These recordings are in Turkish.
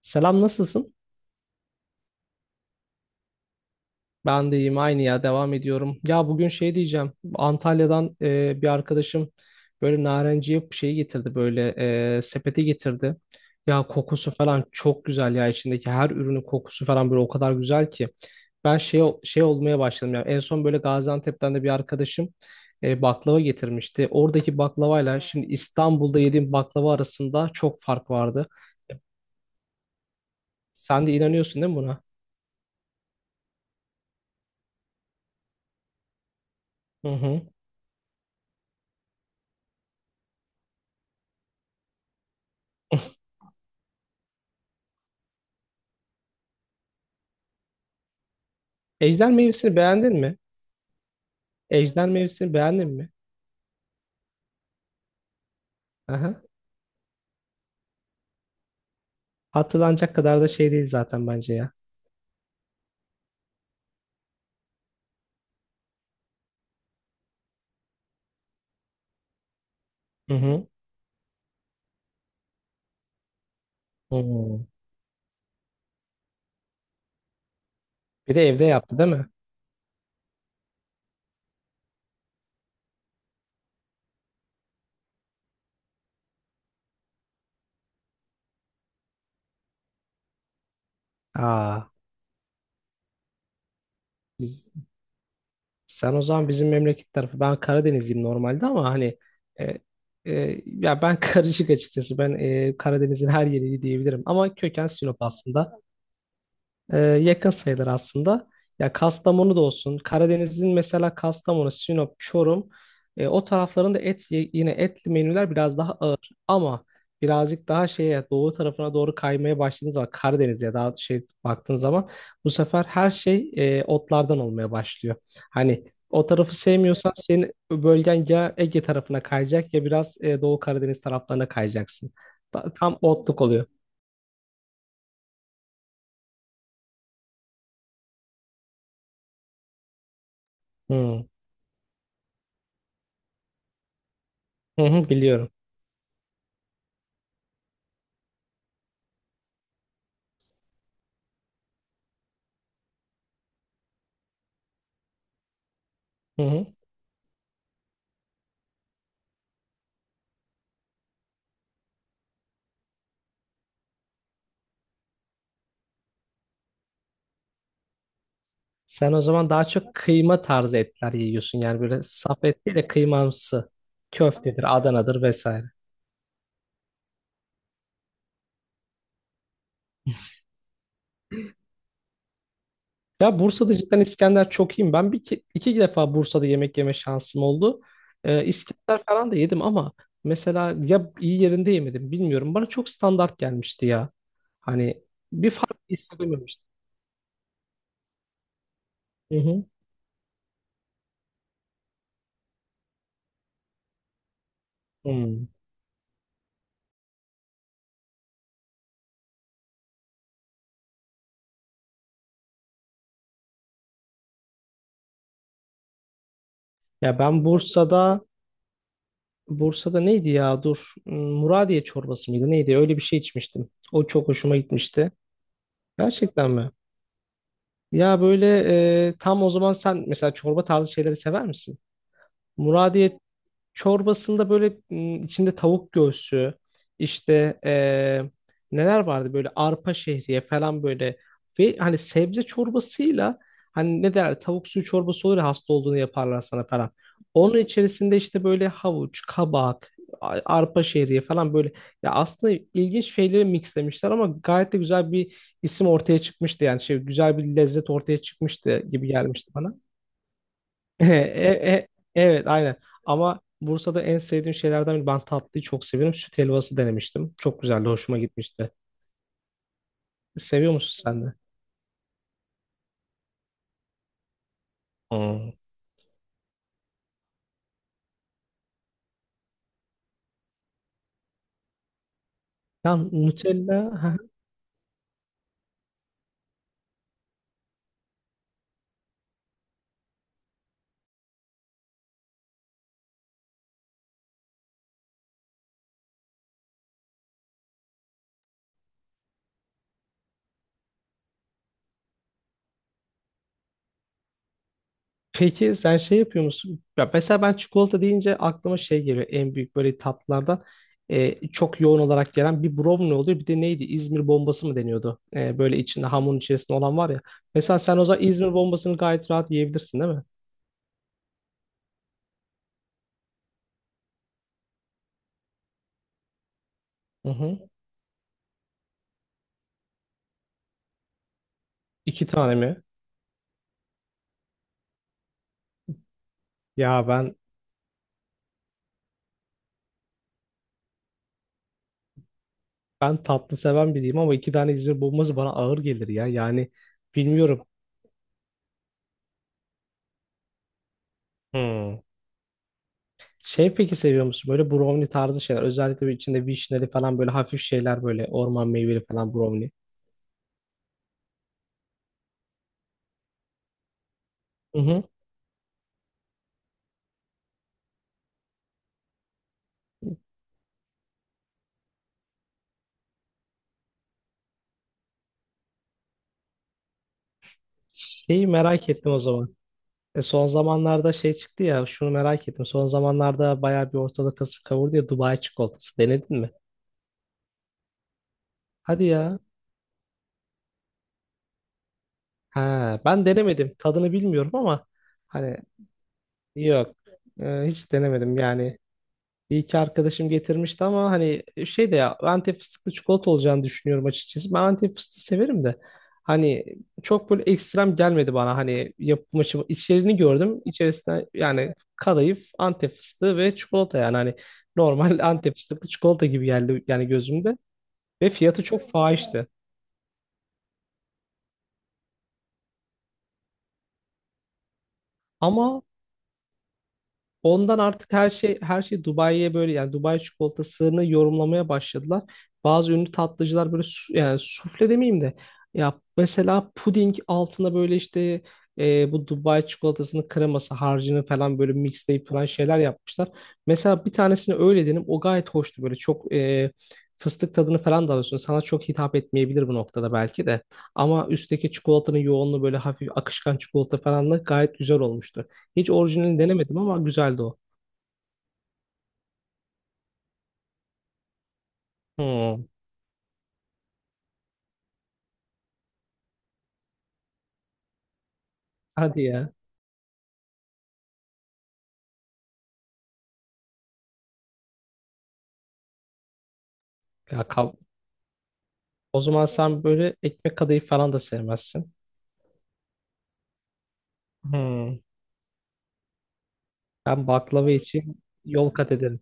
Selam, nasılsın? Ben de iyiyim, aynı ya, devam ediyorum. Ya bugün şey diyeceğim. Antalya'dan bir arkadaşım böyle narenciye şeyi getirdi, böyle sepeti getirdi. Ya kokusu falan çok güzel ya, içindeki her ürünün kokusu falan böyle o kadar güzel ki. Ben şey olmaya başladım ya. En son böyle Gaziantep'ten de bir arkadaşım baklava getirmişti. Oradaki baklavayla şimdi İstanbul'da yediğim baklava arasında çok fark vardı. Sen de inanıyorsun değil mi buna? Hı hı. Ejder meyvesini beğendin mi? Ejder Mevsim'i beğendin mi? Aha. Hatırlanacak kadar da şey değil zaten, bence ya. Hı hı. Hmm. Bir de evde yaptı değil mi? Aa, biz, sen o zaman bizim memleket tarafı. Ben Karadenizliyim normalde, ama hani e, ya ben karışık açıkçası. Ben Karadeniz'in her yerini diyebilirim. Ama köken Sinop aslında. Yakın sayılır aslında. Ya Kastamonu da olsun. Karadeniz'in mesela Kastamonu, Sinop, Çorum o taraflarında yine etli menüler biraz daha ağır. Ama birazcık daha şeye, doğu tarafına doğru kaymaya başladığınız zaman, Karadeniz'e daha şey baktığın zaman bu sefer her şey otlardan olmaya başlıyor. Hani o tarafı sevmiyorsan senin bölgen ya Ege tarafına kayacak ya biraz Doğu Karadeniz taraflarına kayacaksın. Tam otluk oluyor. Hı. Hı hı, biliyorum. Hı hı. Sen o zaman daha çok kıyma tarzı etler yiyorsun. Yani böyle saf et değil de kıymamsı. Köftedir, Adana'dır, vesaire. Ya Bursa'da cidden İskender çok iyiyim. Ben bir iki, iki defa Bursa'da yemek yeme şansım oldu. İskender falan da yedim ama mesela ya iyi yerinde yemedim bilmiyorum. Bana çok standart gelmişti ya. Hani bir fark hissedememiştim. Hı hı. Hmm. Ya ben Bursa'da neydi ya? Dur. Hmm, Muradiye çorbası mıydı? Neydi? Öyle bir şey içmiştim. O çok hoşuma gitmişti. Gerçekten mi? Ya böyle tam o zaman sen mesela çorba tarzı şeyleri sever misin? Muradiye Çorbasında böyle içinde tavuk göğsü, işte neler vardı, böyle arpa şehriye falan, böyle ve hani sebze çorbasıyla, hani ne derler, tavuk suyu çorbası olur ya, hasta olduğunu yaparlar sana falan. Onun içerisinde işte böyle havuç, kabak, arpa şehriye falan, böyle ya, aslında ilginç şeyleri mixlemişler ama gayet de güzel bir isim ortaya çıkmıştı yani, şey, güzel bir lezzet ortaya çıkmıştı gibi gelmişti bana. E- e- e- evet, aynen. Ama Bursa'da en sevdiğim şeylerden biri. Ben tatlıyı çok seviyorum. Süt helvası denemiştim. Çok güzeldi. Hoşuma gitmişti. Seviyor musun sen de? Hmm. Ya Nutella. Peki sen şey yapıyor musun? Ya mesela ben çikolata deyince aklıma şey geliyor. En büyük böyle tatlılardan çok yoğun olarak gelen bir brownie oluyor. Bir de neydi? İzmir bombası mı deniyordu? Böyle içinde, hamurun içerisinde olan var ya. Mesela sen o zaman İzmir bombasını gayet rahat yiyebilirsin değil mi? Hı hı. İki tane mi? Ya ben Ben tatlı seven biriyim ama iki tane İzmir bombası bana ağır gelir ya. Yani bilmiyorum. Hmm. Şey, peki seviyor musun böyle brownie tarzı şeyler? Özellikle bir içinde vişneli falan, böyle hafif şeyler, böyle orman meyveli falan brownie. Hı hı. Şeyi merak ettim o zaman. Son zamanlarda şey çıktı ya, şunu merak ettim. Son zamanlarda bayağı bir ortalık kasıp kavurdu ya, Dubai çikolatası. Denedin mi? Hadi ya. Ha, ben denemedim. Tadını bilmiyorum ama hani yok. Hiç denemedim yani. Bir iki arkadaşım getirmişti ama hani şey de, ya, Antep fıstıklı çikolata olacağını düşünüyorum açıkçası. Ben Antep fıstığı severim de, hani, çok böyle ekstrem gelmedi bana. Hani yapım aşımı, içeriğini gördüm. İçerisinde yani kadayıf, Antep fıstığı ve çikolata, yani hani normal Antep fıstıklı çikolata gibi geldi yani gözümde, ve fiyatı çok fahişti. Ama Ondan artık her şey Dubai'ye böyle, yani Dubai çikolatasını yorumlamaya başladılar. Bazı ünlü tatlıcılar böyle yani sufle demeyeyim de, ya mesela puding altına böyle işte bu Dubai çikolatasının kreması, harcını falan böyle mixleyip falan şeyler yapmışlar. Mesela bir tanesini öyle dedim, o gayet hoştu, böyle çok fıstık tadını falan da alıyorsun. Sana çok hitap etmeyebilir bu noktada belki de. Ama üstteki çikolatanın yoğunluğu, böyle hafif akışkan çikolata falanla, gayet güzel olmuştu. Hiç orijinalini denemedim ama güzeldi o. Hmm. Hadi ya. Ya kab- O zaman sen böyle ekmek kadayıf falan da sevmezsin. Hmm. Ben baklava için yol kat ederim.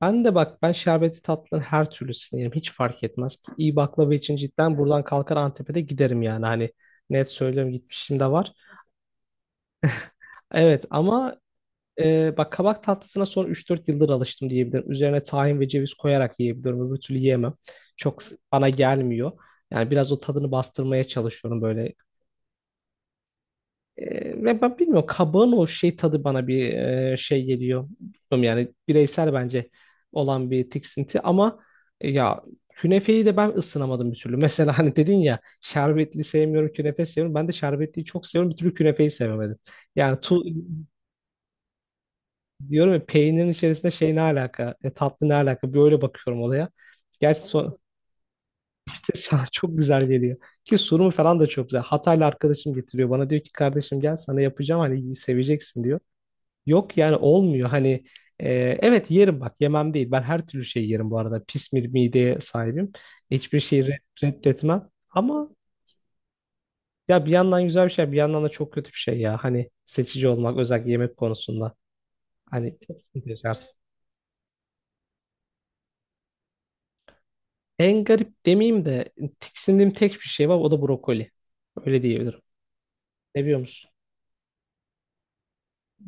Ben de bak, ben şerbetli tatlıları her türlüsünü yerim. Hiç fark etmez ki. İyi baklava için cidden buradan kalkar Antep'e de giderim yani. Hani net söylüyorum, gitmişim de var. Evet ama bak, kabak tatlısına son 3-4 yıldır alıştım diyebilirim. Üzerine tahin ve ceviz koyarak yiyebiliyorum. Öbür türlü yiyemem. Çok bana gelmiyor. Yani biraz o tadını bastırmaya çalışıyorum böyle. Ve ben bilmiyorum, kabağın o şey tadı bana bir şey geliyor. Bilmiyorum yani, bireysel bence olan bir tiksinti ama ya, künefeyi de ben ısınamadım bir türlü. Mesela hani dedin ya şerbetli sevmiyorum, künefe seviyorum. Ben de şerbetliyi çok seviyorum, bir türlü künefeyi sevemedim. Yani diyorum ya, peynirin içerisinde şey, ne alaka? Tatlı ne alaka? Böyle bakıyorum olaya. Gerçi son, sana çok güzel geliyor. Ki sunumu falan da çok güzel. Hataylı arkadaşım getiriyor, bana diyor ki, kardeşim gel sana yapacağım, hani seveceksin diyor. Yok yani, olmuyor hani, e, evet yerim, bak, yemem değil. Ben her türlü şey yerim bu arada. Pis bir mideye sahibim. Hiçbir şeyi reddetmem. Ama ya, bir yandan güzel bir şey, bir yandan da çok kötü bir şey ya, hani seçici olmak özellikle yemek konusunda. Hani çok sıkıntı yaşarsın. En garip demeyeyim de, tiksindiğim tek bir şey var, o da brokoli. Öyle diyebilirim. Ne biliyor musun?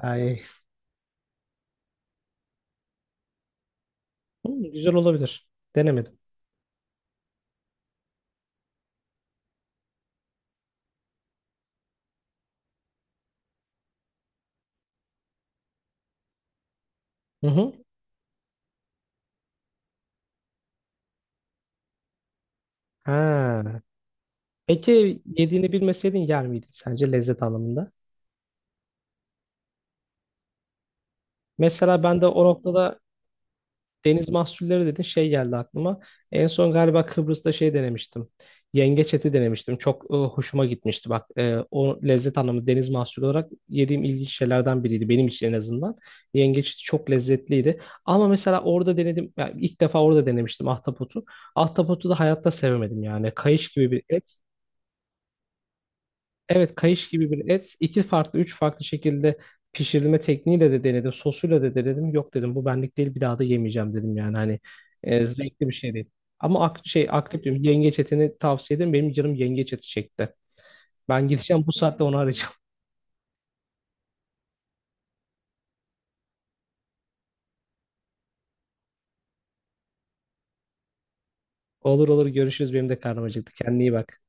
Ay. Hı, güzel olabilir. Denemedim. Hı hı. Ha. Peki yediğini bilmeseydin yer miydin sence, lezzet anlamında? Mesela ben de o noktada. Deniz mahsulleri dedin, şey geldi aklıma. En son galiba Kıbrıs'ta şey denemiştim. Yengeç eti denemiştim. Çok hoşuma gitmişti. Bak, o lezzet anlamı deniz mahsulü olarak yediğim ilginç şeylerden biriydi. Benim için en azından. Yengeç eti çok lezzetliydi. Ama mesela orada denedim. Yani ilk defa orada denemiştim ahtapotu. Ahtapotu da hayatta sevemedim yani. Kayış gibi bir et. Evet, kayış gibi bir et. İki farklı, üç farklı şekilde pişirilme tekniğiyle de denedim. Sosuyla da denedim. Yok dedim, bu benlik değil, bir daha da yemeyeceğim dedim, yani hani zevkli bir şey değil. Ama ak şey, akrep diyorum, yengeç etini tavsiye ederim. Benim canım yengeç eti çekti. Ben gideceğim bu saatte onu arayacağım. Olur olur, görüşürüz, benim de karnım acıktı. Kendine iyi bak.